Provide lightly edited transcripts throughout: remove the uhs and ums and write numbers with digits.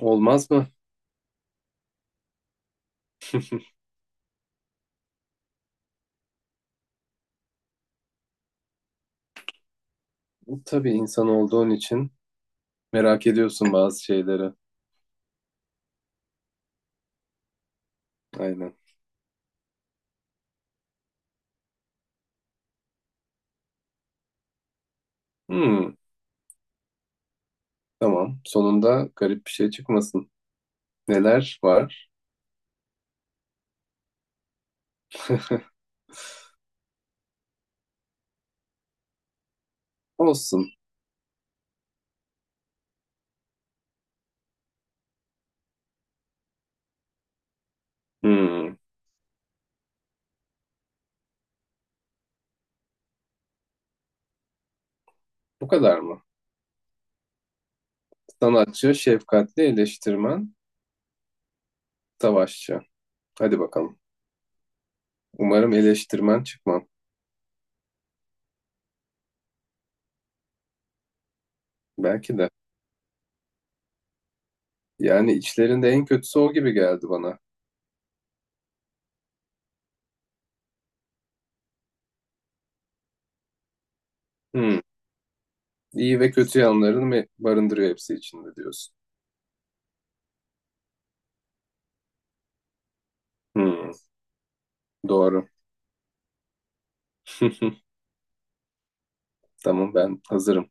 Olmaz mı? Tabii insan olduğun için merak ediyorsun bazı şeyleri. Aynen. Hmm, tamam. Sonunda garip bir şey çıkmasın. Neler var? Olsun. Hmm, bu kadar mı? Sanatçı, şefkatli, eleştirmen, savaşçı. Hadi bakalım. Umarım eleştirmen çıkmam. Belki de. Yani içlerinde en kötüsü o gibi geldi bana. Hmm, iyi ve kötü yanlarını mı barındırıyor hepsi içinde diyorsun. Hmm, doğru. Tamam, ben hazırım.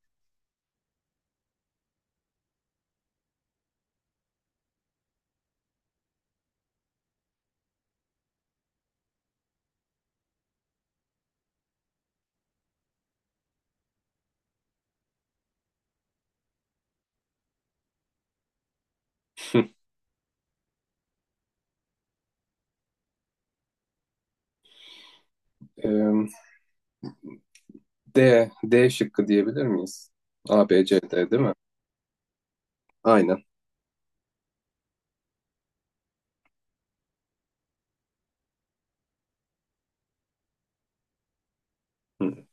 Ee, D, D şıkkı diyebilir miyiz? A, B, C, D değil mi? Aynen. Hı.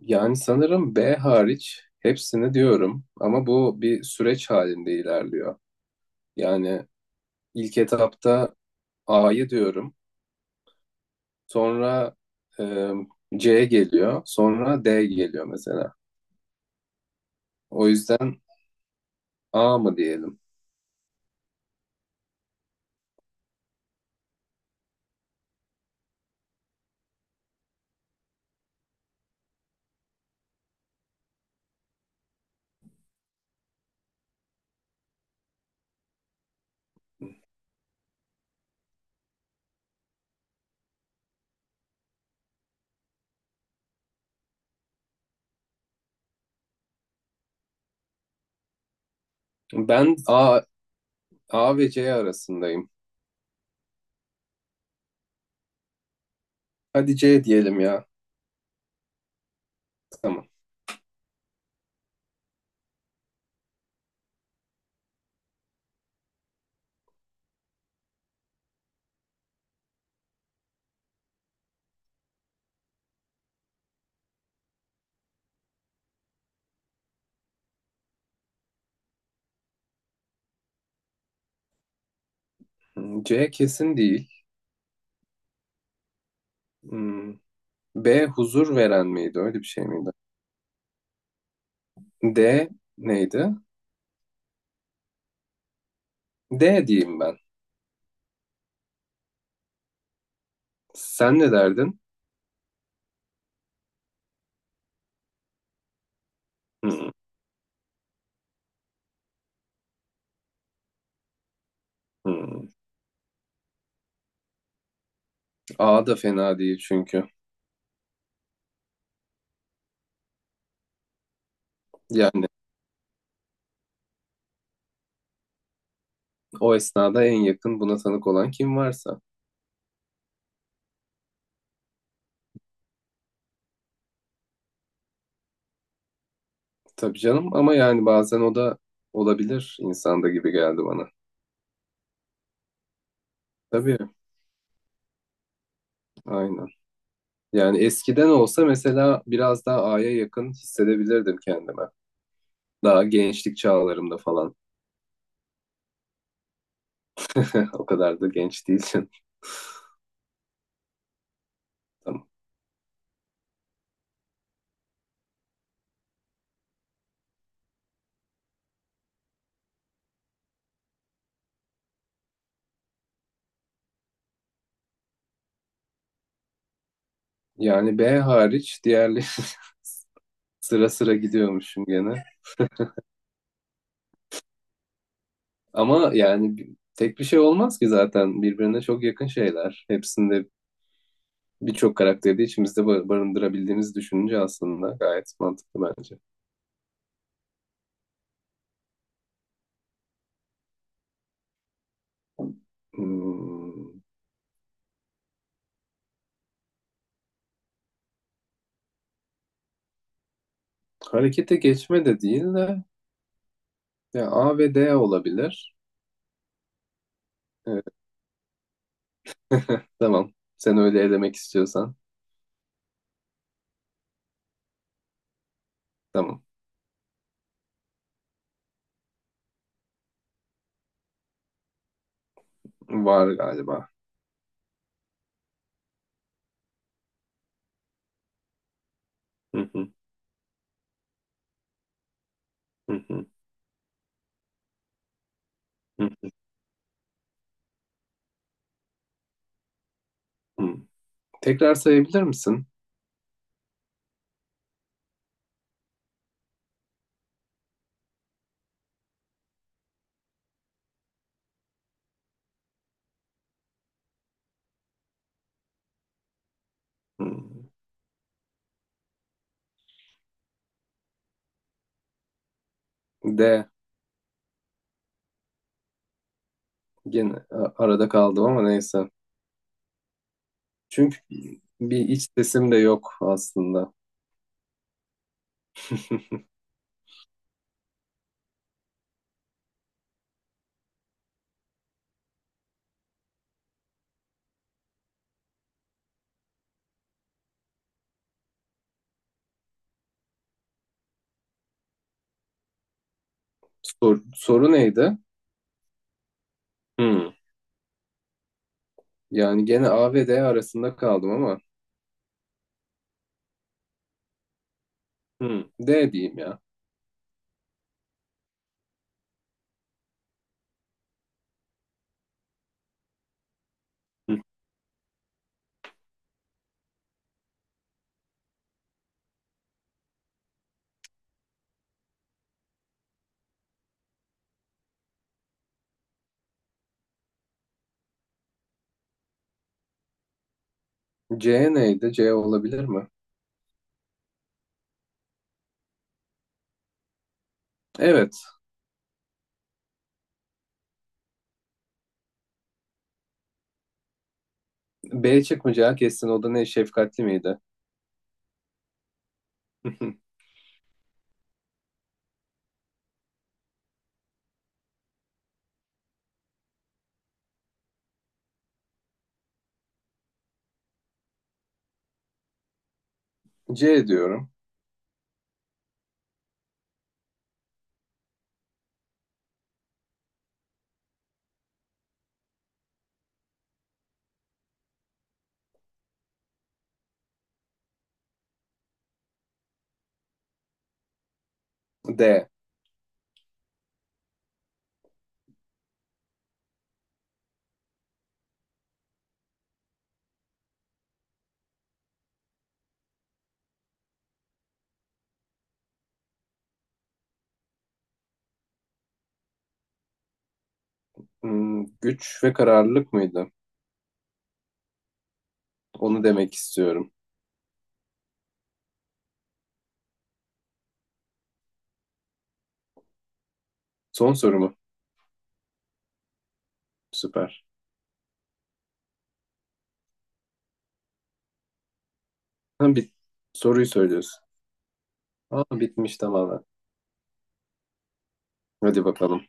Yani sanırım B hariç hepsini diyorum ama bu bir süreç halinde ilerliyor. Yani ilk etapta A'yı diyorum, sonra e, C geliyor, sonra D geliyor mesela. O yüzden A mı diyelim? Ben A, A ve C arasındayım. Hadi C diyelim ya. Tamam. Hı, C kesin değil. Hmm, B huzur veren miydi? Öyle bir şey miydi? D neydi? D diyeyim ben. Sen ne derdin? Hmm, hmm. A da fena değil çünkü. Yani o esnada en yakın buna tanık olan kim varsa. Tabii canım ama yani bazen o da olabilir insanda gibi geldi bana. Tabii, aynen. Yani eskiden olsa mesela biraz daha A'ya yakın hissedebilirdim kendime. Daha gençlik çağlarımda falan. O kadar da genç değilsin. Tamam. Yani B hariç diğerleri sıra sıra gidiyormuşum gene. Ama yani tek bir şey olmaz ki zaten birbirine çok yakın şeyler. Hepsinde birçok karakteri de içimizde barındırabildiğimizi düşününce aslında gayet mantıklı bence. Hmm, harekete geçme de değil de ya A ve D olabilir. Evet, tamam. Sen öyle elemek istiyorsan. Tamam. Var galiba. Hı hı, hı hı, hı hı. Tekrar sayabilir misin? Hmm. D. Gene arada kaldım ama neyse. Çünkü bir iç sesim de yok aslında. Soru neydi? Hmm. Yani gene A ve D arasında kaldım ama hmm, D diyeyim ya. Hmm. C neydi? C olabilir mi? Evet. B çıkmayacağı kesin. O da ne? Şefkatli miydi? C diyorum. D. Hmm, güç ve kararlılık mıydı? Onu demek istiyorum. Son soru mu? Süper. Ha, soruyu söylüyorsun. Aa, bitmiş tamamen. Hadi bakalım.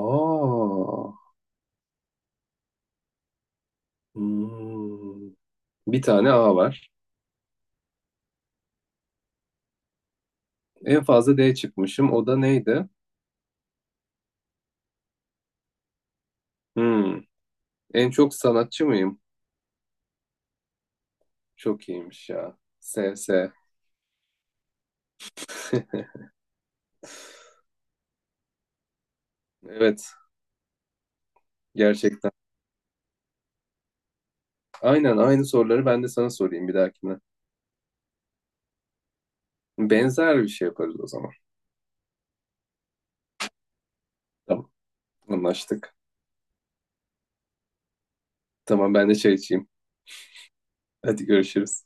Aa, hmm. Bir tane A var. En fazla D çıkmışım. O da neydi? Hmm. En çok sanatçı mıyım? Çok iyiymiş ya. S, S. Evet, gerçekten. Aynen, aynı soruları ben de sana sorayım bir dahakine. Benzer bir şey yaparız o zaman. Tamam, anlaştık. Tamam ben de çay içeyim. Hadi görüşürüz.